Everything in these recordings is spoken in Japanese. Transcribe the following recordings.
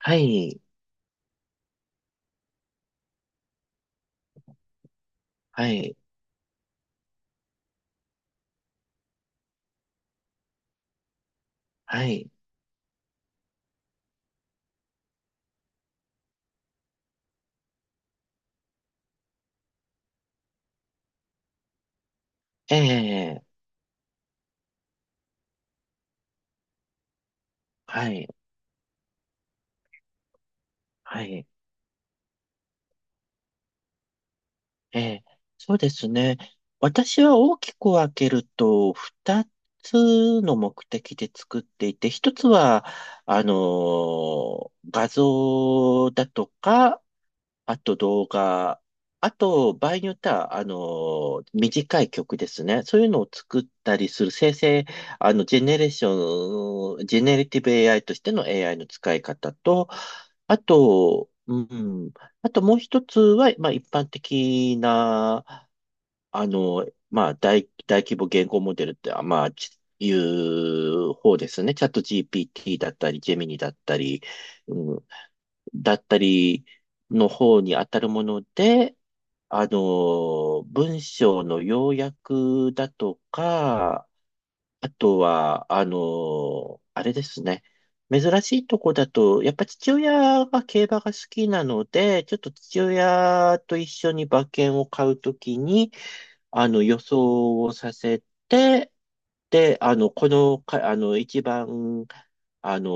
はい、はい、はい、ええ、はい、はい、ええ、そうですね。私は大きく分けると、二つの目的で作っていて、一つは、画像だとか、あと動画、あと場合によっては、短い曲ですね。そういうのを作ったりする生成、ジェネレーション、ジェネリティブ AI としての AI の使い方と、あと、うん、あともう一つは、まあ一般的な、大規模言語モデルって、いう方ですね。チャット GPT だったり、ジェミニだったり、うだったりの方に当たるもので、文章の要約だとか、あとは、あれですね。珍しいとこだと、やっぱ父親が競馬が好きなので、ちょっと父親と一緒に馬券を買うときに、予想をさせて、で、あの、このか、あの、一番、あの、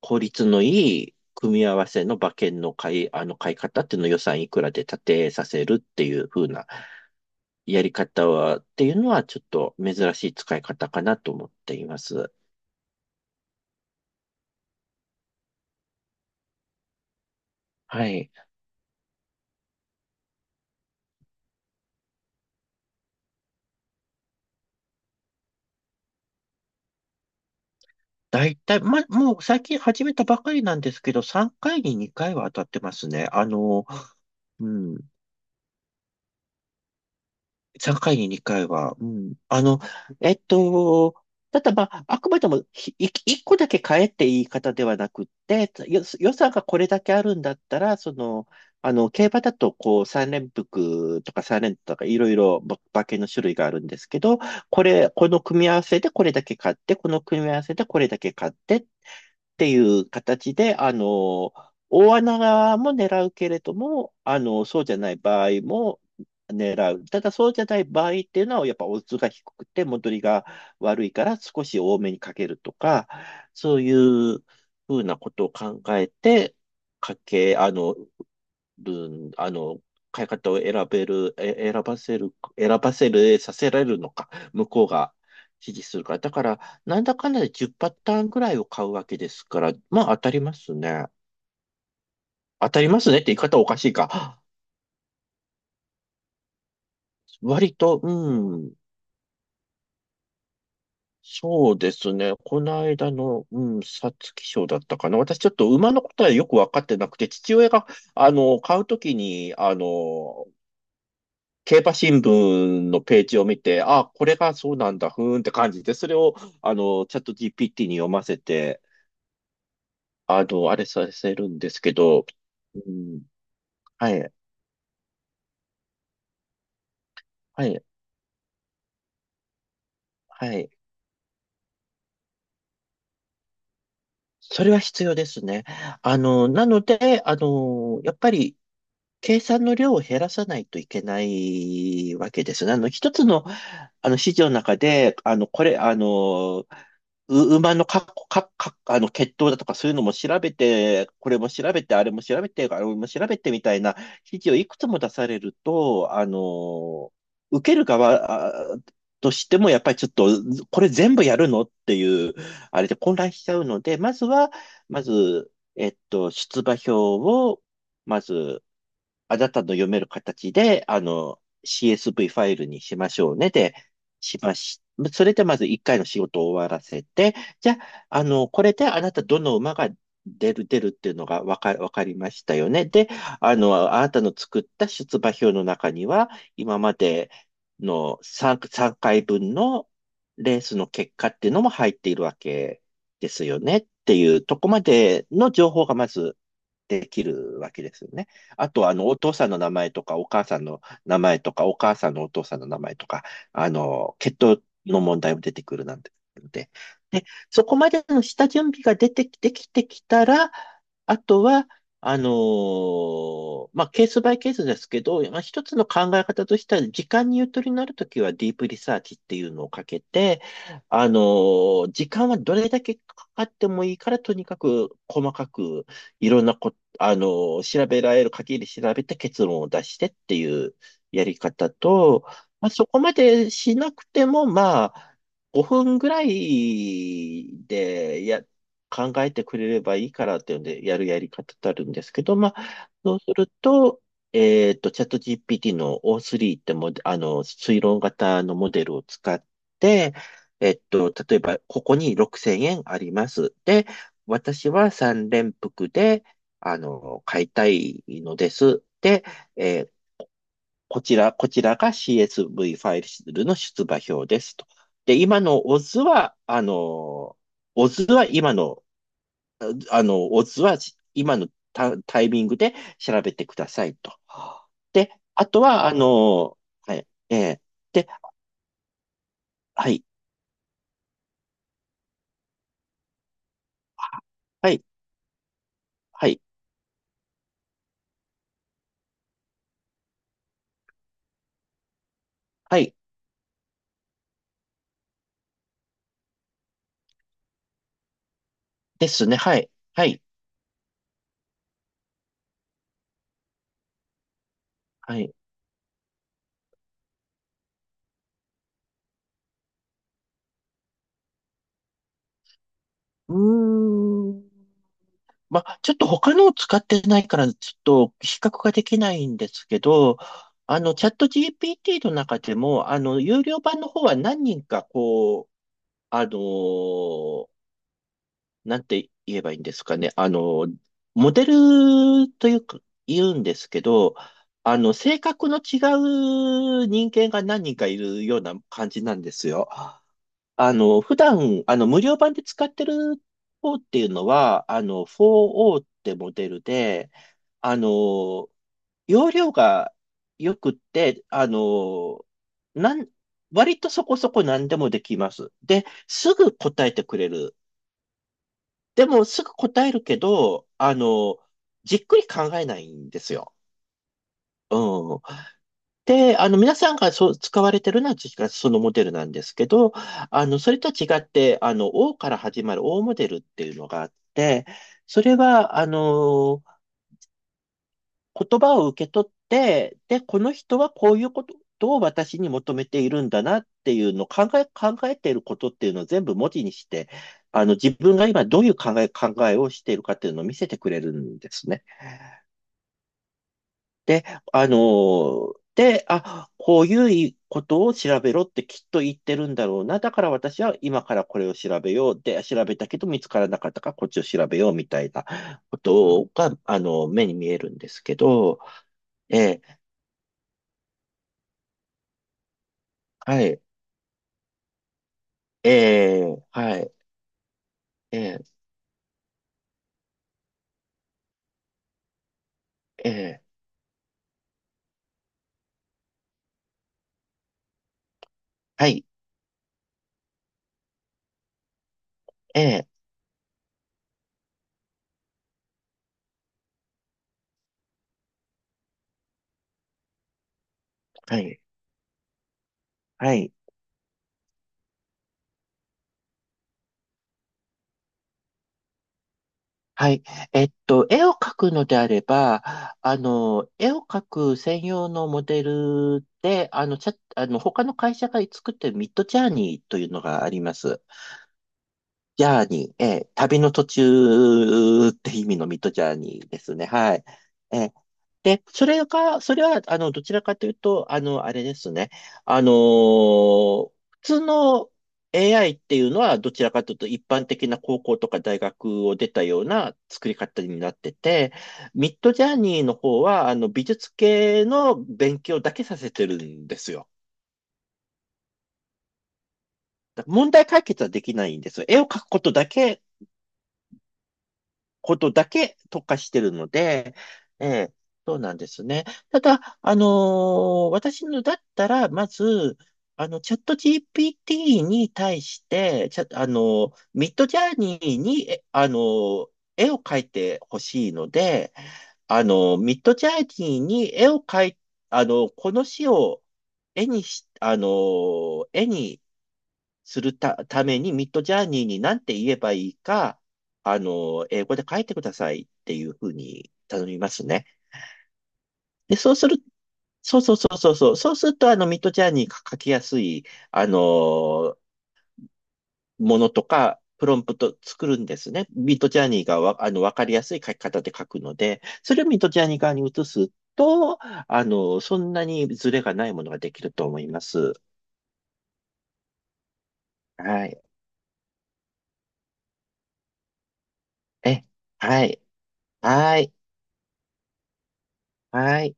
効率のいい組み合わせの馬券の買い方っていうのを予算いくらで立てさせるっていう風なやり方は、っていうのはちょっと珍しい使い方かなと思っています。はい。だいたい、もう最近始めたばかりなんですけど、3回に2回は当たってますね。うん。3回に2回は、うん。えっと、ただまあ、あくまでも1個だけって言い方ではなくって、予算がこれだけあるんだったら、その、競馬だと、こう、3連複とか3連とかいろいろ馬券の種類があるんですけど、これ、この組み合わせでこれだけ買って、この組み合わせでこれだけ買ってっていう形で、大穴も狙うけれども、そうじゃない場合も狙う。ただそうじゃない場合っていうのは、やっぱオッズが低くて戻りが悪いから少し多めにかけるとか、そういうふうなことを考えて、かけ、あの、るん、あの、買い方を選べる、え、選ばせる、選ばせる、させられるのか、向こうが指示するから。だから、なんだかんだで10パターンぐらいを買うわけですから、まあ当たりますね。当たりますねって言い方はおかしいか。割と、うん、そうですね。この間の、うん、皐月賞だったかな。私ちょっと馬のことはよくわかってなくて、父親が、買うときに、競馬新聞のページを見て、あ、これがそうなんだ、ふーんって感じで、それを、チャット GPT に読ませて、あれさせるんですけど、うん、はい、はい、はい。それは必要ですね。あの、なので、あの、やっぱり計算の量を減らさないといけないわけですね。一つの、指示の中で、あの、これ、あの、う馬のか、か、か、あの、血統だとかそういうのも調べて、これも調べて、あれも調べて、あれも調べてみたいな指示をいくつも出されると、受ける側としても、やっぱりちょっと、これ全部やるのっていう、あれで混乱しちゃうので、まずは、まず、出馬票を、まず、あなたの読める形で、CSV ファイルにしましょうねで、しまし、それでまず一回の仕事を終わらせて、じゃあ、これであなたどの馬が出るっていうのがわかりましたよね。で、あなたの作った出馬表の中には、今までの3回分のレースの結果っていうのも入っているわけですよねっていうとこまでの情報がまずできるわけですよね。あと、お父さんの名前とか、お母さんの名前とか、お母さんのお父さんの名前とか、血統の問題も出てくるなんて。で、で、そこまでの下準備が出てき、できてきたら、あとは、まあ、ケースバイケースですけど、まあ、一つの考え方としては、時間にゆとりのあるときはディープリサーチっていうのをかけて、時間はどれだけかかってもいいから、とにかく細かくいろんなこ調べられる限り調べて結論を出してっていうやり方と、まあ、そこまでしなくても、まあ、5分ぐらいで考えてくれればいいからっていうんで、やるやり方ってあるんですけど、まあ、そうすると、チャット GPT の O3 っても、推論型のモデルを使って、例えば、ここに6000円あります。で、私は3連複で、買いたいのです。で、えーこちら、こちらが CSV ファイルの出馬表ですと。で、今のオズは、あの、オズは今の、あの、オズは今のタイミングで調べてくださいと。で、あとは、はい、で、はい、はい、はい、はい、ですね、はい、はい、はい。うーん。まあ、ちょっと他のを使ってないから、ちょっと比較ができないんですけど、チャット GPT の中でも、有料版の方は何人か、こう、あのーなんて言えばいいんですかね、モデルというか、言うんですけど、性格の違う人間が何人かいるような感じなんですよ。普段、無料版で使ってる方っていうのは、4O ってモデルで、あの、容量が良くって、なん、割とそこそこ何でもできます。で、すぐ答えてくれる。でも、すぐ答えるけど、じっくり考えないんですよ。うん。で、皆さんがそう使われてるのは確かそのモデルなんですけど、それとは違って、O から始まる O モデルっていうのがあって、それは、言葉を受け取って、で、この人はこういうことを私に求めているんだなっていうのを考えていることっていうのを全部文字にして、自分が今どういう考えをしているかっていうのを見せてくれるんですね。で、で、あ、こういうことを調べろってきっと言ってるんだろうな。だから私は今からこれを調べよう。で、調べたけど見つからなかったからこっちを調べようみたいなことが、目に見えるんですけど、えーはい、はい、えーえーはい、えーはい、はい。はい。絵を描くのであれば、絵を描く専用のモデルで、あの、チャあの、他の会社が作ってるミッドジャーニーというのがあります。ジャーニー、ええ旅の途中って意味のミッドジャーニーですね。はい。ええで、それが、それは、どちらかというと、あれですね。あのー普通の AI っていうのは、どちらかというと、一般的な高校とか大学を出たような作り方になってて、ミッドジャーニーの方は、美術系の勉強だけさせてるんですよ。だから問題解決はできないんですよ。絵を描くことだけ特化してるので、ええ、そうなんですね。ただ、私のだったら、まず、チャット GPT に対して、チャ、あのーミッドジャーニーに、えあのー絵を描いてほしいので、あのーミッドジャーニーに絵を描い、あのーこの詩を絵にし、あのー絵にするた、ために、ミッドジャーニーに何て言えばいいか、英語で書いてくださいっていうふうに頼みますね。で、そうする、そうそうそうそうそう、そうすると、ミッドジャーニーが書きやすい、あの、ものとか、プロンプト作るんですね。ミッドジャーニーがわ、あの、わかりやすい書き方で書くので、それをミッドジャーニー側に移すと、そんなにズレがないものができると思います。はい。え、はい。はい。はい。はい。